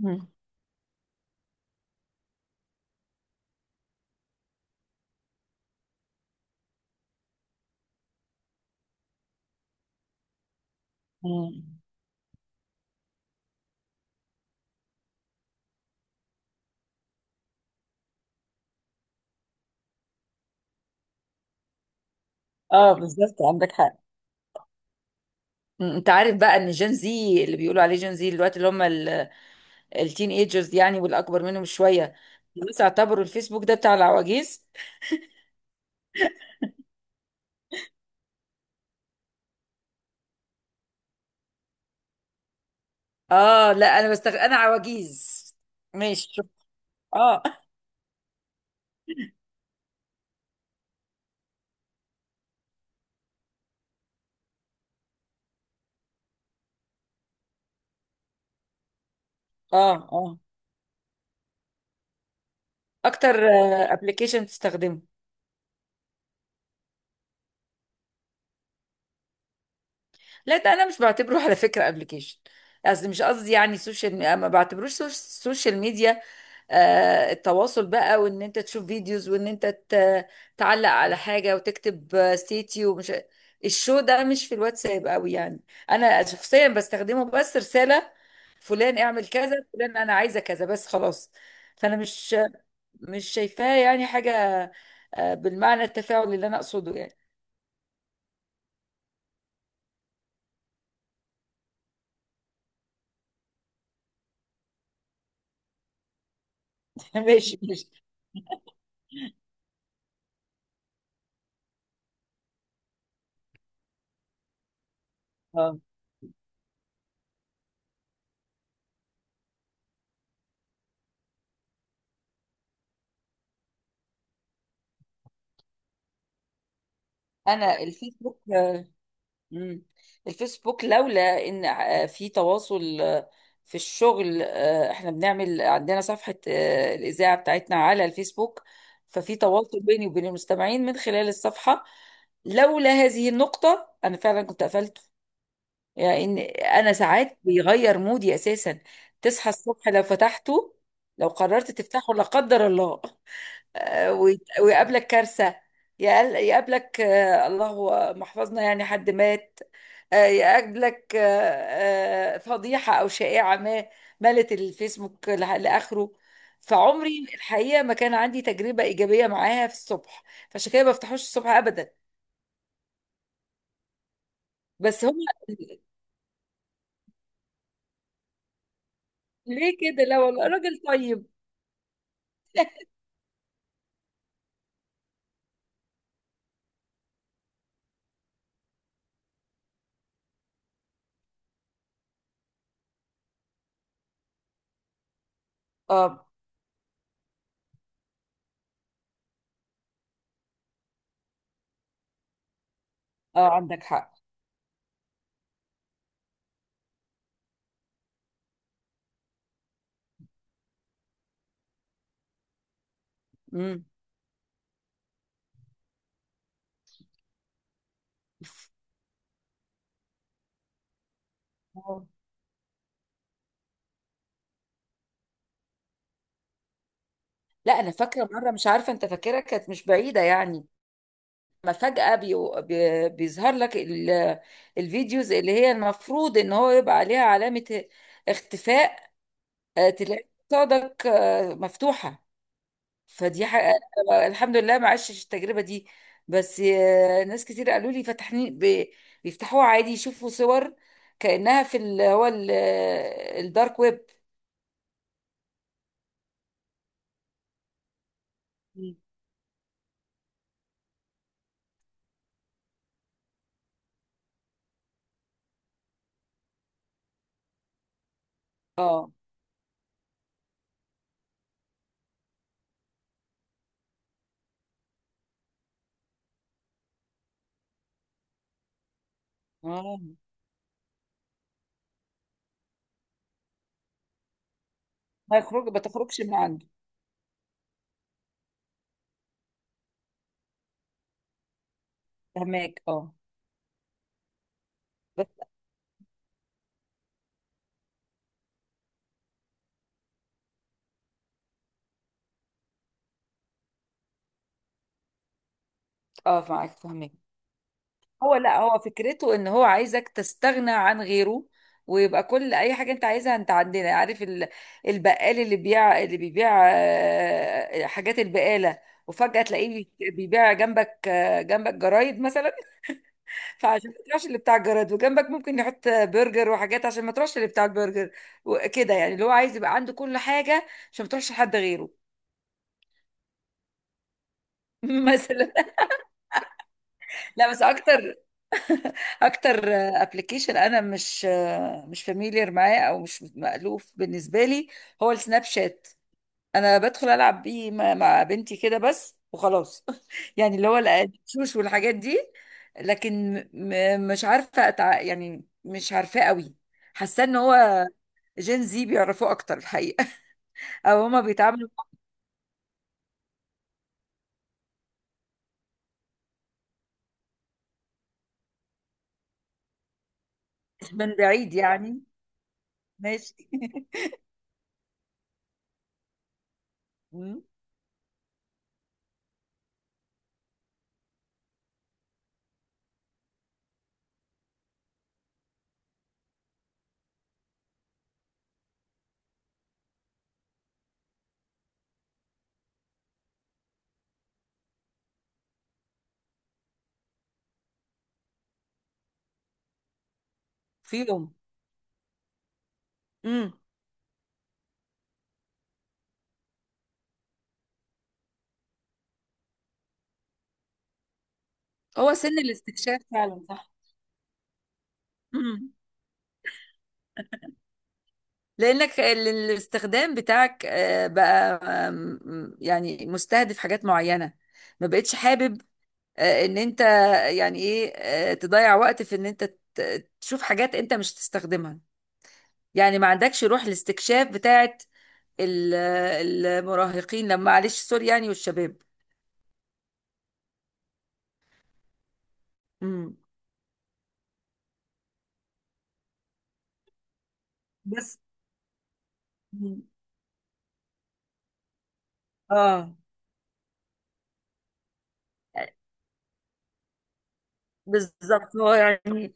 مم. مم. اه، بالظبط عندك حق. مم. انت عارف بقى ان جين زي اللي بيقولوا عليه جين زي دلوقتي اللي هم التين ايجرز يعني، والاكبر منهم شويه. الناس اعتبروا الفيسبوك ده بتاع العواجيز. اه، لا انا انا عواجيز. ماشي، شوف. اه. اه، اه، اكتر ابلكيشن بتستخدمه؟ لا، ده انا مش بعتبره على فكره ابلكيشن. مش قصدي يعني ما بعتبروش سوشيال ميديا. التواصل بقى، وان انت تشوف فيديوز، وان انت تعلق على حاجه، وتكتب ستيتي، ومش الشو ده، مش في الواتساب قوي يعني. انا شخصيا بستخدمه بس رساله: فلان اعمل كذا، فلان انا عايزه كذا، بس خلاص. فانا مش شايفاها يعني حاجه، بالمعنى التفاعلي اللي انا اقصده يعني. ماشي، ماشي. اه. انا الفيسبوك، مم. الفيسبوك لولا ان في تواصل، في الشغل، احنا بنعمل عندنا صفحة، الإذاعة بتاعتنا على الفيسبوك، ففي تواصل بيني وبين المستمعين من خلال الصفحة. لولا هذه النقطة أنا فعلا كنت قفلته. يعني إن أنا ساعات بيغير مودي أساسا. تصحى الصبح لو فتحته، لو قررت تفتحه لا قدر الله، ويقابلك كارثة. يقابلك، الله محفظنا يعني، حد مات. يقابلك فضيحة أو شائعة ما، ملت الفيسبوك لآخره. فعمري الحقيقة ما كان عندي تجربة إيجابية معاها في الصبح، فعشان كده ما بفتحوش الصبح أبدا. بس هم. ليه كده؟ لا والله، راجل طيب. اه، اه، عندك حق. امم لا، انا فاكره مره، مش عارفه انت فاكرها، كانت مش بعيده يعني، لما فجأة بيظهر لك الفيديوز اللي هي المفروض ان هو يبقى عليها علامة اختفاء، تلاقي قصادك مفتوحة. فدي حقيقة. الحمد لله ما عشتش التجربة دي. بس ناس كتير قالوا لي فتحني، بيفتحوها عادي، يشوفوا صور كأنها في الدارك ويب. مم. اه. اه. ما تخرجش من عنده. فهماك، اه. بس اه، معاك، فهماك. هو لا، هو فكرته ان هو عايزك تستغنى عن غيره، ويبقى كل اي حاجه انت عايزها انت عندنا. عارف البقال اللي بيبيع حاجات البقاله، وفجاه تلاقيه بيبيع جنبك، جنبك جرايد مثلا، فعشان ما تروحش اللي بتاع الجرايد، وجنبك ممكن يحط برجر وحاجات عشان ما تروحش اللي بتاع البرجر. وكده يعني، اللي هو عايز يبقى عنده كل حاجه عشان ما تروحش حد غيره. مثلا. لا، بس اكتر. اكتر ابلكيشن انا مش فاميليار معاه، او مش مألوف بالنسبه لي، هو السناب شات. انا بدخل العب بيه مع بنتي كده بس وخلاص. يعني اللي هو الشوش والحاجات دي. لكن مش يعني مش عارفاه قوي. حاسه ان هو جين زي بيعرفوه اكتر الحقيقه. او هما بيتعاملوا من بعيد يعني. ماشي. مم. فيهم. امم هو سن الاستكشاف فعلا. صح. لانك الاستخدام بتاعك بقى، يعني مستهدف حاجات معينه. ما بقتش حابب ان انت، يعني ايه، تضيع وقت في ان انت تشوف حاجات انت مش تستخدمها. يعني ما عندكش روح الاستكشاف بتاعت ال- المراهقين، لما، معلش سوري يعني، والشباب. مم. بس. مم. اه، بالظبط. هو يعني،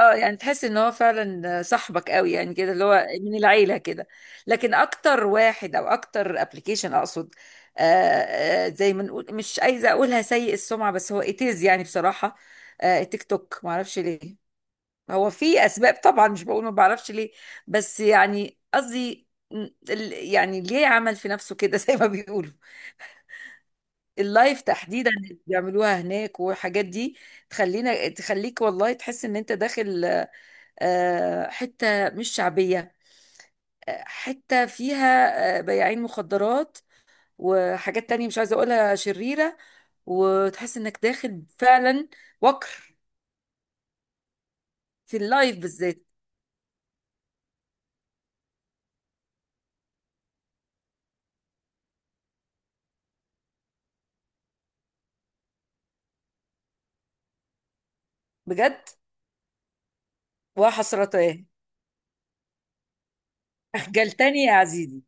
اه يعني تحس ان هو فعلا صاحبك قوي يعني، كده اللي هو من العيله كده. لكن اكتر واحد او اكتر ابلكيشن اقصد، آه زي ما نقول، مش عايزه اقولها سيء السمعه، بس هو اتيز يعني بصراحه. تيك توك ما اعرفش ليه، هو في اسباب طبعا، مش بقول ما بعرفش ليه، بس يعني قصدي، يعني ليه عمل في نفسه كده، زي ما بيقولوا، اللايف تحديدا اللي بيعملوها هناك والحاجات دي. تخليك والله تحس ان انت داخل حتة مش شعبية، حتة فيها بياعين مخدرات وحاجات تانية مش عايزة اقولها شريرة، وتحس انك داخل فعلا وكر، في اللايف بالذات. بجد؟ وحسرتاه. اخجلتني يا عزيزي.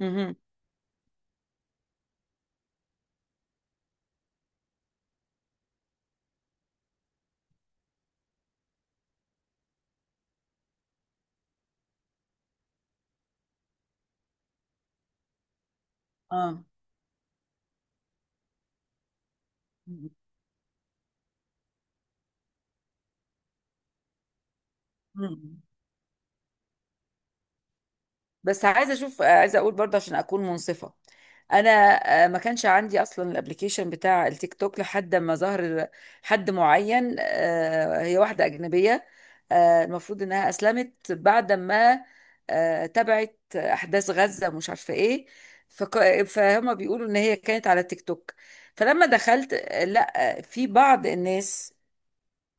مهم. اه. مهم. بس عايزه اشوف، عايزه اقول برضه عشان اكون منصفه. انا ما كانش عندي اصلا الابليكيشن بتاع التيك توك لحد ما ظهر حد معين. هي واحده اجنبيه، المفروض انها اسلمت بعد ما تابعت احداث غزه، مش عارفه ايه. فهم بيقولوا ان هي كانت على التيك توك. فلما دخلت، لا، في بعض الناس،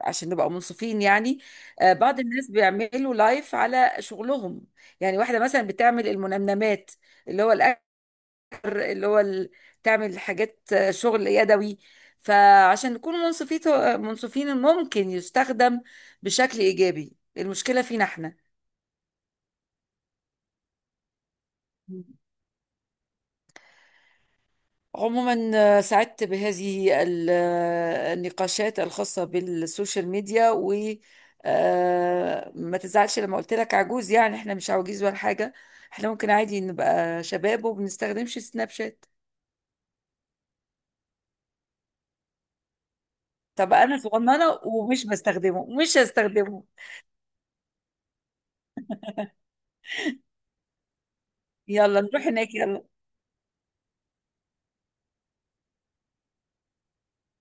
عشان نبقى منصفين يعني، بعض الناس بيعملوا لايف على شغلهم. يعني واحدة مثلا بتعمل المنمنمات، اللي هو الأكل، اللي هو تعمل حاجات، شغل يدوي. فعشان نكون منصفين ممكن يستخدم بشكل إيجابي. المشكلة فينا احنا عموما. سعدت بهذه النقاشات الخاصة بالسوشيال ميديا. وما تزعلش لما قلت لك عجوز، يعني احنا مش عواجيز ولا حاجة، احنا ممكن عادي نبقى شباب وبنستخدمش سناب شات. طب انا صغننة، ومش بستخدمه، ومش هستخدمه. يلا نروح هناك، يلا.